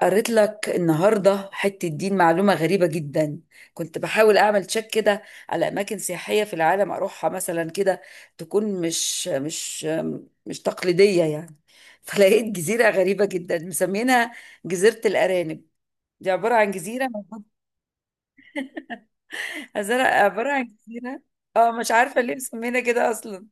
قريت لك النهارده حته دين معلومه غريبه جدا. كنت بحاول اعمل تشيك كده على اماكن سياحيه في العالم اروحها مثلا كده تكون مش تقليديه يعني. فلقيت جزيره غريبه جدا مسمينها جزيره الارانب. دي عباره عن جزيره الزرق عبارة عن جزيرة. اه، مش عارفة ليه مسمينها كده أصلا.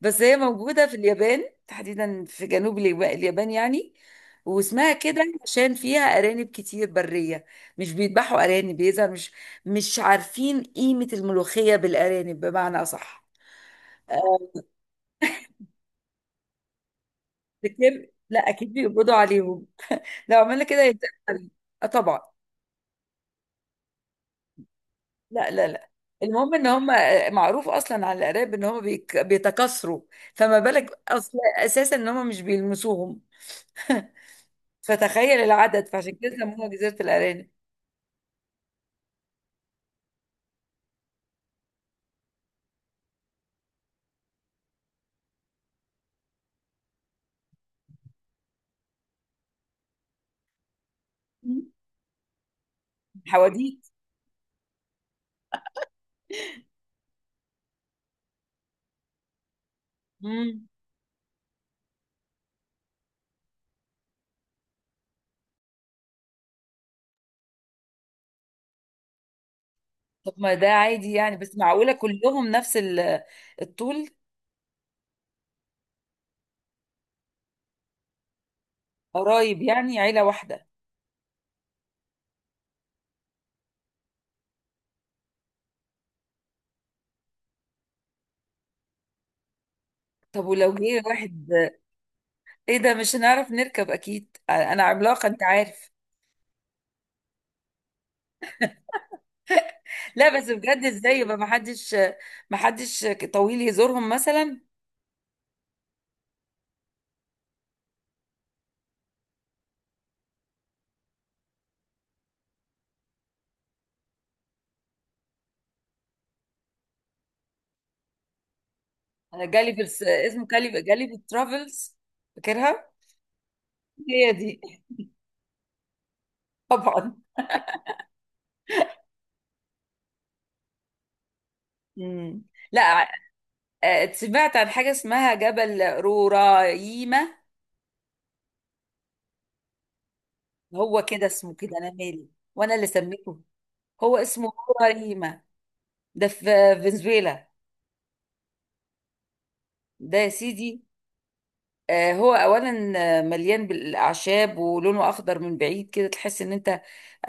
بس هي موجودة في اليابان، تحديدا في جنوب اليابان يعني. واسمها كده عشان فيها أرانب كتير برية. مش بيذبحوا أرانب، بيظهر مش عارفين قيمة الملوخية بالأرانب بمعنى أصح. آه، بكر لا أكيد بيقبضوا عليهم لو عملنا كده يبقى. آه طبعا. لا، لا، لا. المهم ان هم معروف اصلا على العراب ان هم بيتكاثروا. فما بالك اصلا اساسا ان هم مش بيلمسوهم. فتخيل العدد، فعشان كده سموها جزيره الارانب. مم. حواديت. مم. طب ما ده عادي يعني، بس معقوله كلهم نفس الطول؟ قرايب يعني، عيله واحده. طب ولو جه واحد، ايه ده، مش هنعرف نركب اكيد، انا عملاقه انت عارف. لا بس بجد، ازاي يبقى محدش طويل يزورهم مثلا؟ انا جالي في اسمه جالي في الترافلز، فاكرها. هي دي طبعا. مم. لا. سمعت عن حاجه اسمها جبل رورايما. هو كده اسمه كده، انا مالي، وانا اللي سميته، هو اسمه رورايما. ده في فنزويلا. ده يا سيدي، هو اولا مليان بالاعشاب ولونه اخضر، من بعيد كده تحس ان انت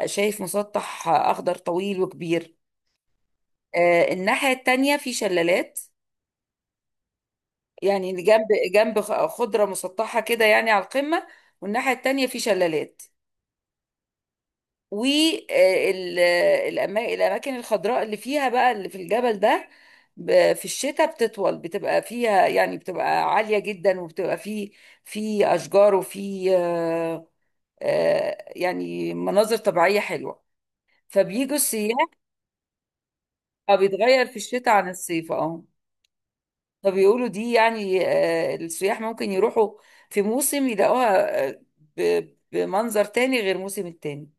شايف مسطح اخضر طويل وكبير. الناحيه التانيه في شلالات، يعني جنب جنب خضرة مسطحة كده يعني على القمة، والناحية التانية في شلالات. والأماكن الخضراء اللي فيها بقى، اللي في الجبل ده، في الشتاء بتطول، بتبقى فيها يعني بتبقى عالية جدا، وبتبقى في أشجار، وفي يعني مناظر طبيعية حلوة، فبيجوا السياح. بيتغير في الشتاء عن الصيف، اه. فبيقولوا دي يعني السياح ممكن يروحوا في موسم يلاقوها بمنظر تاني غير موسم التاني.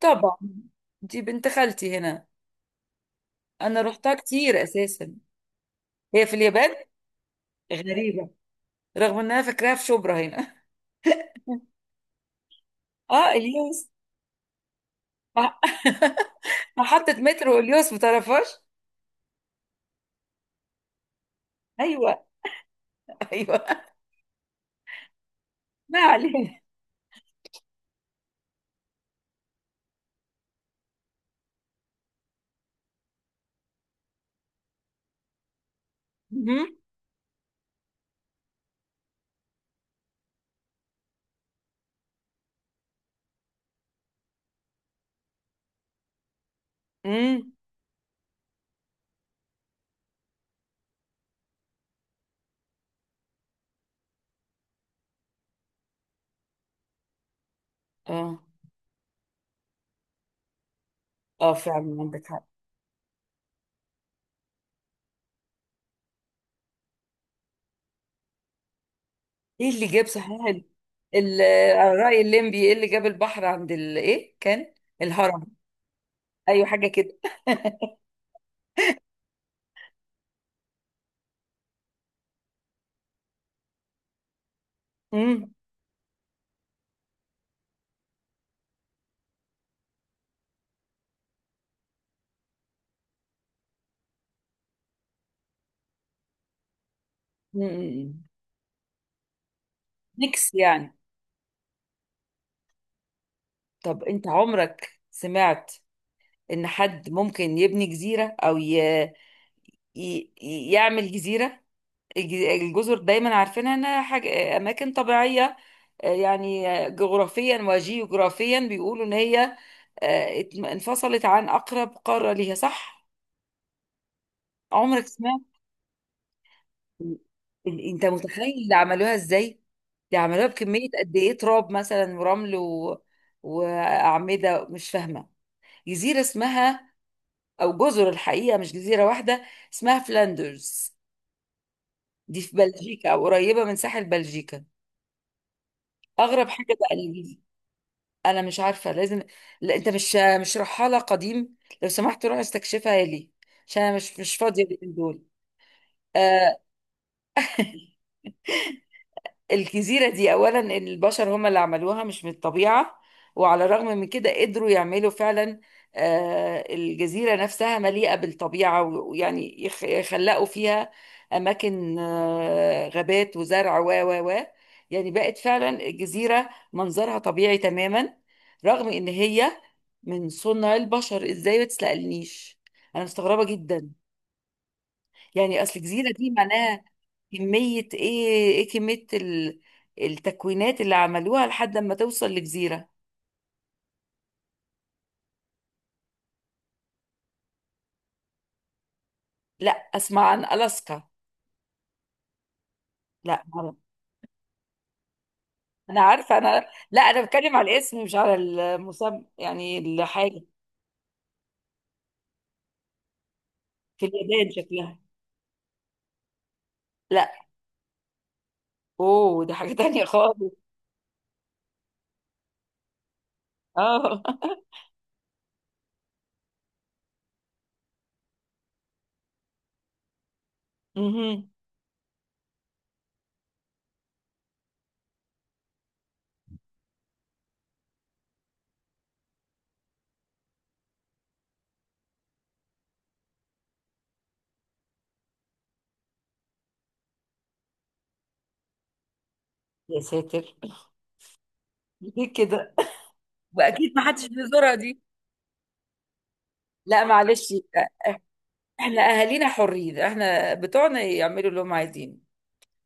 طبعا، دي بنت خالتي هنا، انا رحتها كتير اساسا، هي في اليابان. غريبة، رغم ان انا فاكراها في شبرا هنا. اه اليوس. مح- محطة مترو اليوس، متعرفهاش؟ ايوه، ايوه ما علينا. مهم. مم. اه. اه فعلا عندك حق. ايه اللي جاب صحيح ال- على رأي الليمبي، ايه اللي جاب البحر عند ال ايه كان الهرم. ايوه حاجة كده. امم. أمم. ميكس يعني. طب انت عمرك سمعت ان حد ممكن يبني جزيرة او يعمل جزيرة؟ الج- الجزر دايما عارفينها انها حاجة اماكن طبيعية، يعني جغرافيا وجيوغرافيا بيقولوا ان هي انفصلت عن اقرب قارة ليها، صح؟ عمرك سمعت؟ إن- انت متخيل اللي عملوها ازاي؟ دي عملوها بكمية قد ايه، تراب مثلا ورمل و... وأعمدة، مش فاهمة. جزيرة اسمها، او جزر الحقيقة، مش جزيرة واحدة، اسمها فلاندرز. دي في بلجيكا او قريبة من ساحل بلجيكا. اغرب حاجة بقى اللي... انا مش عارفة، لازم. لا، انت مش رحالة قديم، لو سمحت روح استكشفها لي، عشان انا مش فاضية اليومين دول. آه الجزيرة دي أولا، إن البشر هم اللي عملوها، مش من الطبيعة. وعلى الرغم من كده قدروا يعملوا فعلا الجزيرة نفسها مليئة بالطبيعة، ويعني يخلقوا فيها أماكن غابات وزرع و يعني بقت فعلا الجزيرة منظرها طبيعي تماما، رغم إن هي من صنع البشر. إزاي؟ ما تسألنيش، أنا مستغربة جدا. يعني أصل الجزيرة دي معناها، كمية ايه، ايه كمية التكوينات اللي عملوها لحد ما توصل لجزيرة. لا، اسمع عن ألاسكا. لا مرة. انا عارفة انا، لا انا بتكلم على الاسم مش على المسمى، يعني الحاجة. في اليابان شكلها. لا. اوه دي حاجة تانية خالص. اه مهم. يا ساتر. ليه كده. واكيد ما حدش بيزورها دي. لا معلش، احنا اهالينا حرين، احنا بتوعنا يعملوا اللي هم عايزين.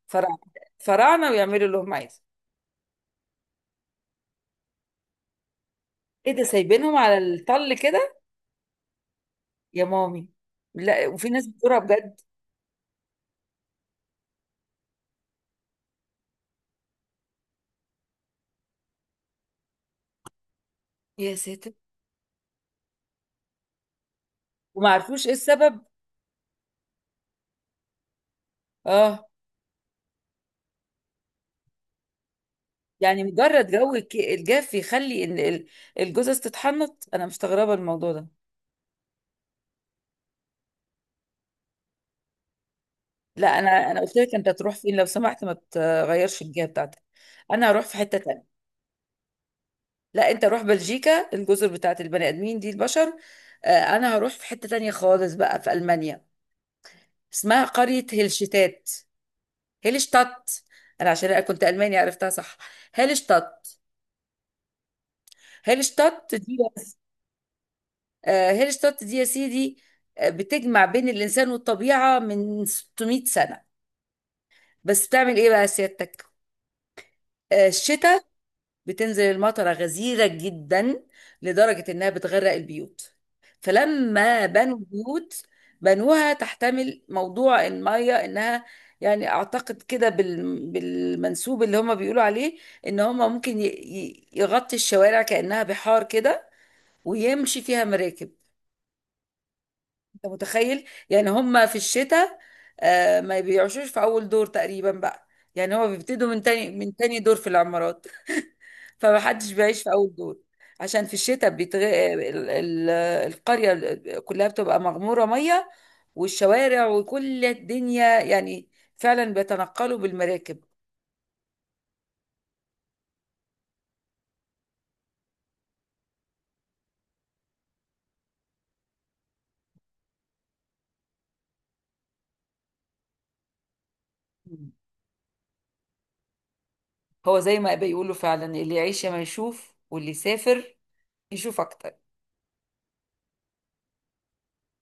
فرعنا، فرعنا ويعملوا اللي هم عايزين. ايه ده، سايبينهم على الطل كده؟ يا مامي. لا، وفي ناس بتقولها بجد. يا ساتر. وما عرفوش ايه السبب. اه. يعني مجرد جو الجاف يخلي ان الجثث تتحنط؟ انا مستغربه الموضوع ده. لا، انا قلت لك، انت تروح فين، لو سمحت ما تغيرش الجهه بتاعتك. انا هروح في حته تانية. لا، انت روح بلجيكا، الجزر بتاعت البني ادمين دي، البشر، آه، انا هروح في حته تانية خالص بقى في المانيا، اسمها قريه هلشتات. هيلشتات، انا عشان أنا كنت الماني عرفتها صح، هيلشتات، هيلشتات دي، هيلشتات دي يا سيدي، بتجمع بين الانسان والطبيعه من 600 سنه. بس بتعمل ايه بقى سيادتك؟ الشتاء بتنزل المطرة غزيرة جدا، لدرجة إنها بتغرق البيوت، فلما بنوا البيوت بنوها تحتمل موضوع المية، إنها يعني أعتقد كده بالمنسوب اللي هم بيقولوا عليه، إن هم ممكن يغطي الشوارع كأنها بحار كده، ويمشي فيها مراكب. أنت متخيل؟ يعني هم في الشتاء ما بيعيشوش في أول دور تقريبا بقى، يعني هم بيبتدوا من تاني دور في العمارات. فمحدش بيعيش في أول دور، عشان في الشتاء القرية كلها بتبقى مغمورة مية، والشوارع وكل الدنيا يعني فعلا بيتنقلوا بالمراكب. مم. هو زي ما بيقولوا فعلا، اللي يعيش يا ما يشوف، واللي يسافر يشوف أكتر.